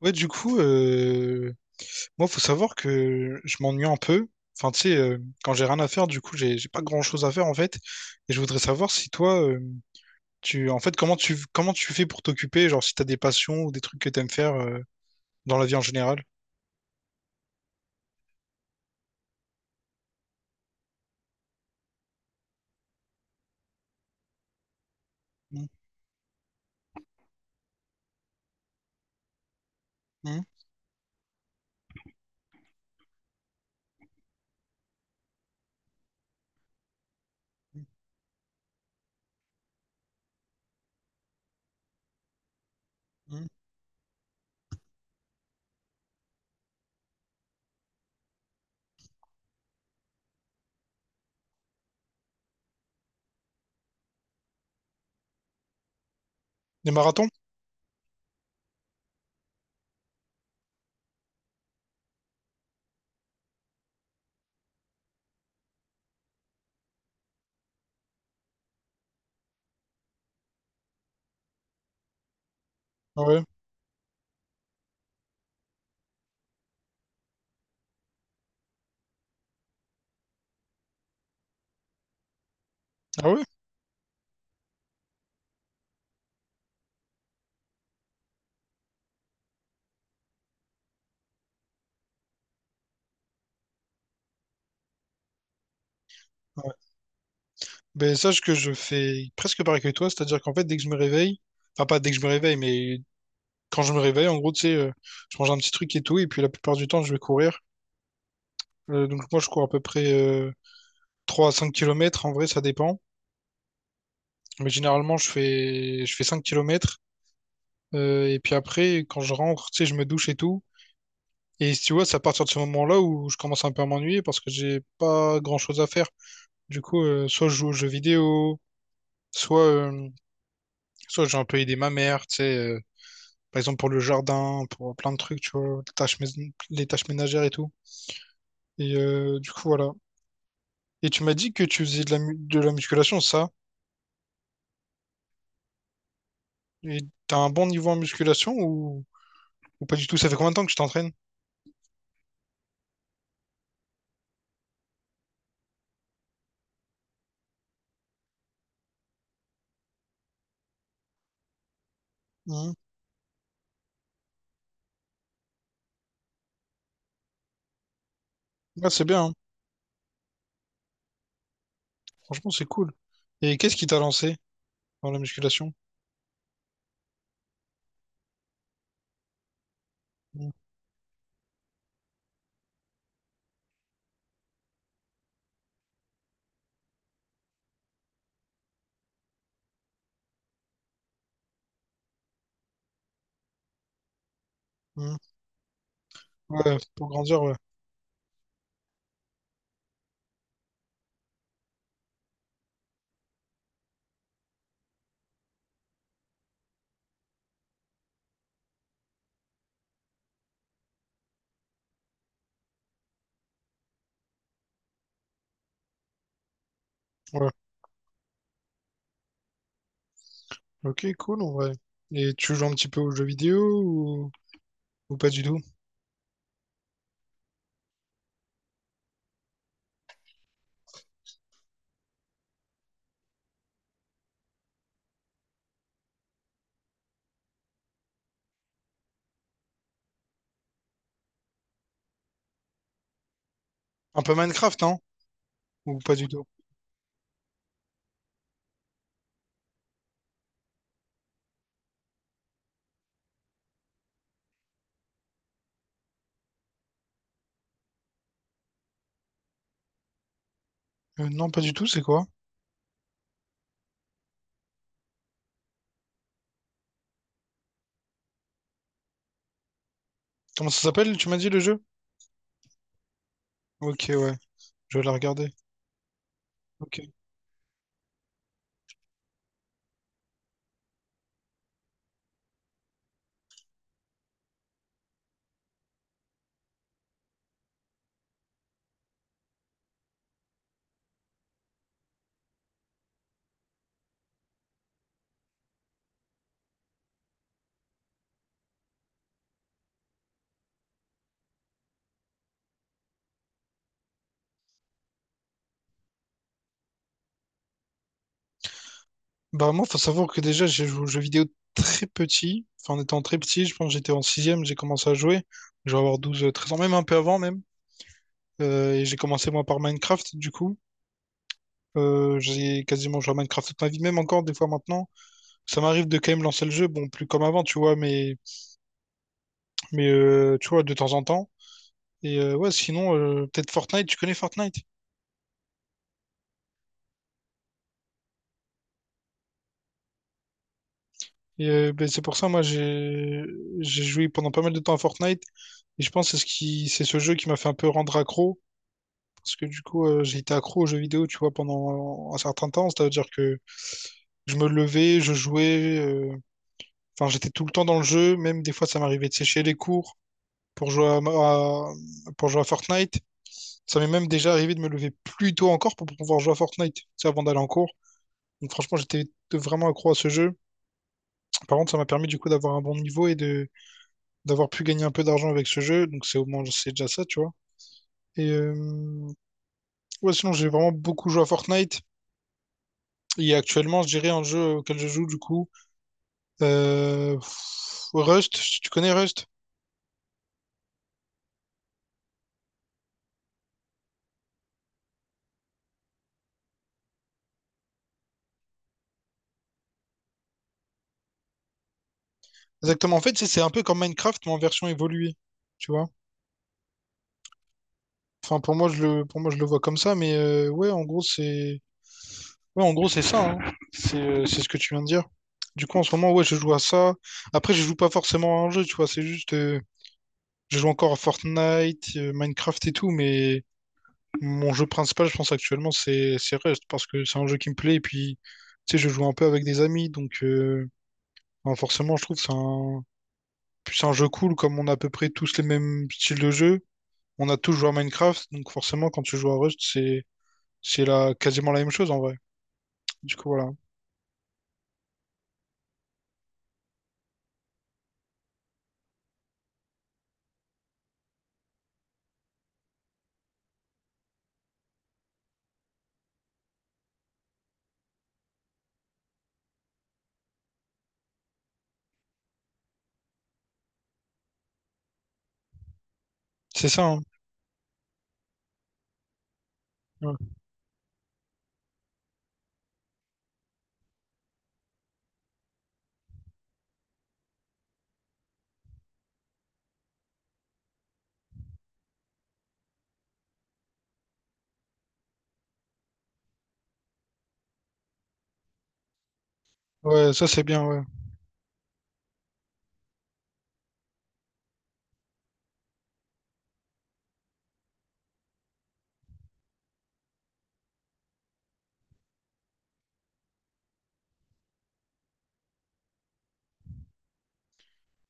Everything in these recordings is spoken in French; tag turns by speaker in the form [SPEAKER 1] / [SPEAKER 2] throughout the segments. [SPEAKER 1] Ouais, du coup, moi, faut savoir que je m'ennuie un peu. Enfin, tu sais, quand j'ai rien à faire, du coup, j'ai pas grand-chose à faire en fait. Et je voudrais savoir si toi, comment tu fais pour t'occuper, genre si t'as des passions ou des trucs que t'aimes faire dans la vie en général. Mhm, mhm, mhm. Des marathons? Ah ouais. Ah ouais? Ouais. Ben sache que je fais presque pareil que toi, c'est-à-dire qu'en fait, dès que je me réveille, enfin pas dès que je me réveille, mais quand je me réveille, en gros, tu sais, je mange un petit truc et tout, et puis la plupart du temps, je vais courir. Donc moi je cours à peu près 3 à 5 kilomètres, en vrai ça dépend. Mais généralement je fais 5 km, et puis après, quand je rentre, tu sais, je me douche et tout. Et si tu vois, c'est à partir de ce moment-là où je commence un peu à m'ennuyer parce que j'ai pas grand-chose à faire. Du coup, soit je joue aux jeux vidéo, soit, euh, soit j'ai un peu aidé ma mère, tu sais, par exemple pour le jardin, pour plein de trucs, tu vois, les tâches ménagères et tout. Et du coup, voilà. Et tu m'as dit que tu faisais de de la musculation, ça? Et t'as un bon niveau en musculation, ou pas du tout? Ça fait combien de temps que tu t'entraînes? Mhm. Ouais, c'est bien, hein. Franchement, c'est cool. Et qu'est-ce qui t'a lancé dans la musculation? Mhm. Mhm. Ouais, pour grandir, ouais. Ouais. Ok, cool, en vrai. Et tu joues un petit peu aux jeux vidéo, ou pas du tout? Un peu Minecraft, non? Ou pas du tout? Non, pas du tout, c'est quoi? Comment ça s'appelle, tu m'as dit, le jeu? Ok, ouais, je vais la regarder. Ok. Bah moi, faut savoir que déjà, j'ai joué aux jeux vidéo très petit. Enfin, en étant très petit, je pense que j'étais en sixième, j'ai commencé à jouer. Je vais avoir 12 13 ans, même un peu avant même. Et j'ai commencé moi par Minecraft, du coup. J'ai quasiment joué à Minecraft toute ma vie, même encore des fois maintenant. Ça m'arrive de quand même lancer le jeu, bon, plus comme avant, tu vois, mais, tu vois, de temps en temps. Et ouais, sinon, peut-être Fortnite, tu connais Fortnite? Et ben, c'est pour ça, moi, j'ai joué pendant pas mal de temps à Fortnite. Et je pense que c'est c'est ce jeu qui m'a fait un peu rendre accro. Parce que du coup, j'ai été accro aux jeux vidéo, tu vois, pendant un certain temps. C'est-à-dire que je me levais, je jouais. Enfin, j'étais tout le temps dans le jeu. Même des fois, ça m'arrivait de sécher les cours pour jouer à, à- pour jouer à Fortnite. Ça m'est même déjà arrivé de me lever plus tôt encore pour pouvoir jouer à Fortnite, tu sais, avant d'aller en cours. Donc franchement, j'étais vraiment accro à ce jeu. Par contre, ça m'a permis du coup d'avoir un bon niveau et de d'avoir pu gagner un peu d'argent avec ce jeu. Donc c'est au moins, c'est déjà ça, tu vois. Et ouais, sinon, j'ai vraiment beaucoup joué à Fortnite. Et actuellement, je dirais un jeu auquel je joue du coup, euh, Rust, tu connais Rust? Exactement. En fait, c'est un peu comme Minecraft, mais en version évoluée, tu vois? Enfin, pour moi, je le vois comme ça, mais ouais, en gros, c'est ouais, en gros, c'est ça, hein. C'est ce que tu viens de dire. Du coup, en ce moment, ouais, je joue à ça. Après, je joue pas forcément à un jeu, tu vois, c'est je joue encore à Fortnite, Minecraft et tout, mais mon jeu principal, je pense actuellement, c'est Rust, parce que c'est un jeu qui me plaît, et puis, tu sais, je joue un peu avec des amis, enfin, forcément, je trouve que puis c'est un jeu cool, comme on a à peu près tous les mêmes styles de jeu. On a tous joué à Minecraft, donc forcément, quand tu joues à Rust, quasiment la même chose en vrai. Du coup, voilà. C'est ça, hein. Ouais. Ouais, ça c'est bien, ouais.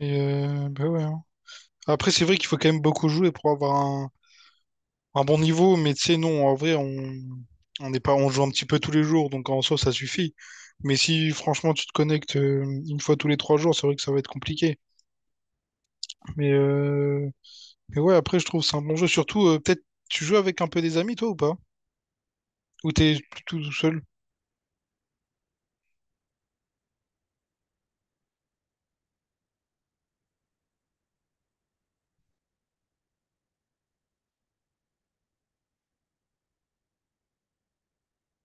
[SPEAKER 1] Et bah ouais, hein. Après, c'est vrai qu'il faut quand même beaucoup jouer pour avoir un bon niveau, mais tu sais, non, en vrai, on n'est pas... on joue un petit peu tous les jours, donc en soi, ça suffit. Mais si franchement tu te connectes une fois tous les 3 jours, c'est vrai que ça va être compliqué. Mais euh, Mais ouais, après, je trouve que c'est un bon jeu. Surtout, peut-être, tu joues avec un peu des amis, toi, ou pas? Ou t'es tout seul?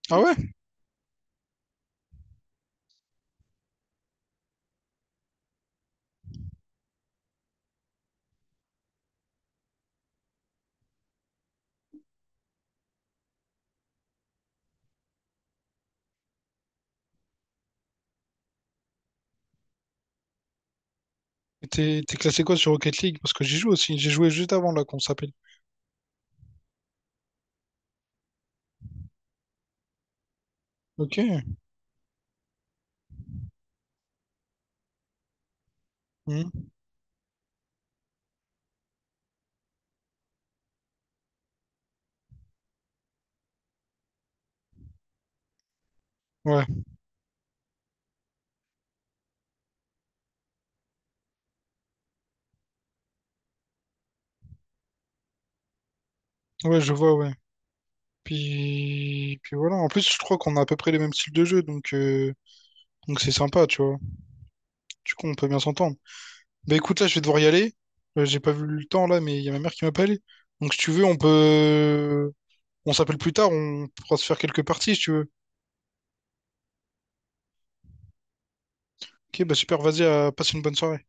[SPEAKER 1] Ah ouais? Et t'es classé quoi sur Rocket League? Parce que j'y joue aussi. J'ai joué juste avant, là, qu'on s'appelle. Ok. Mhm. Ouais. Ouais, je vois, ouais. Puis voilà. En plus, je crois qu'on a à peu près les mêmes styles de jeu, donc c'est sympa, tu vois. Du coup, on peut bien s'entendre. Bah écoute, là, je vais devoir y aller. J'ai pas vu le temps, là, mais il y a ma mère qui m'appelle. Donc si tu veux, on peut... on s'appelle plus tard, on pourra se faire quelques parties, si tu veux. Ok, bah super, vas-y, à... passe une bonne soirée.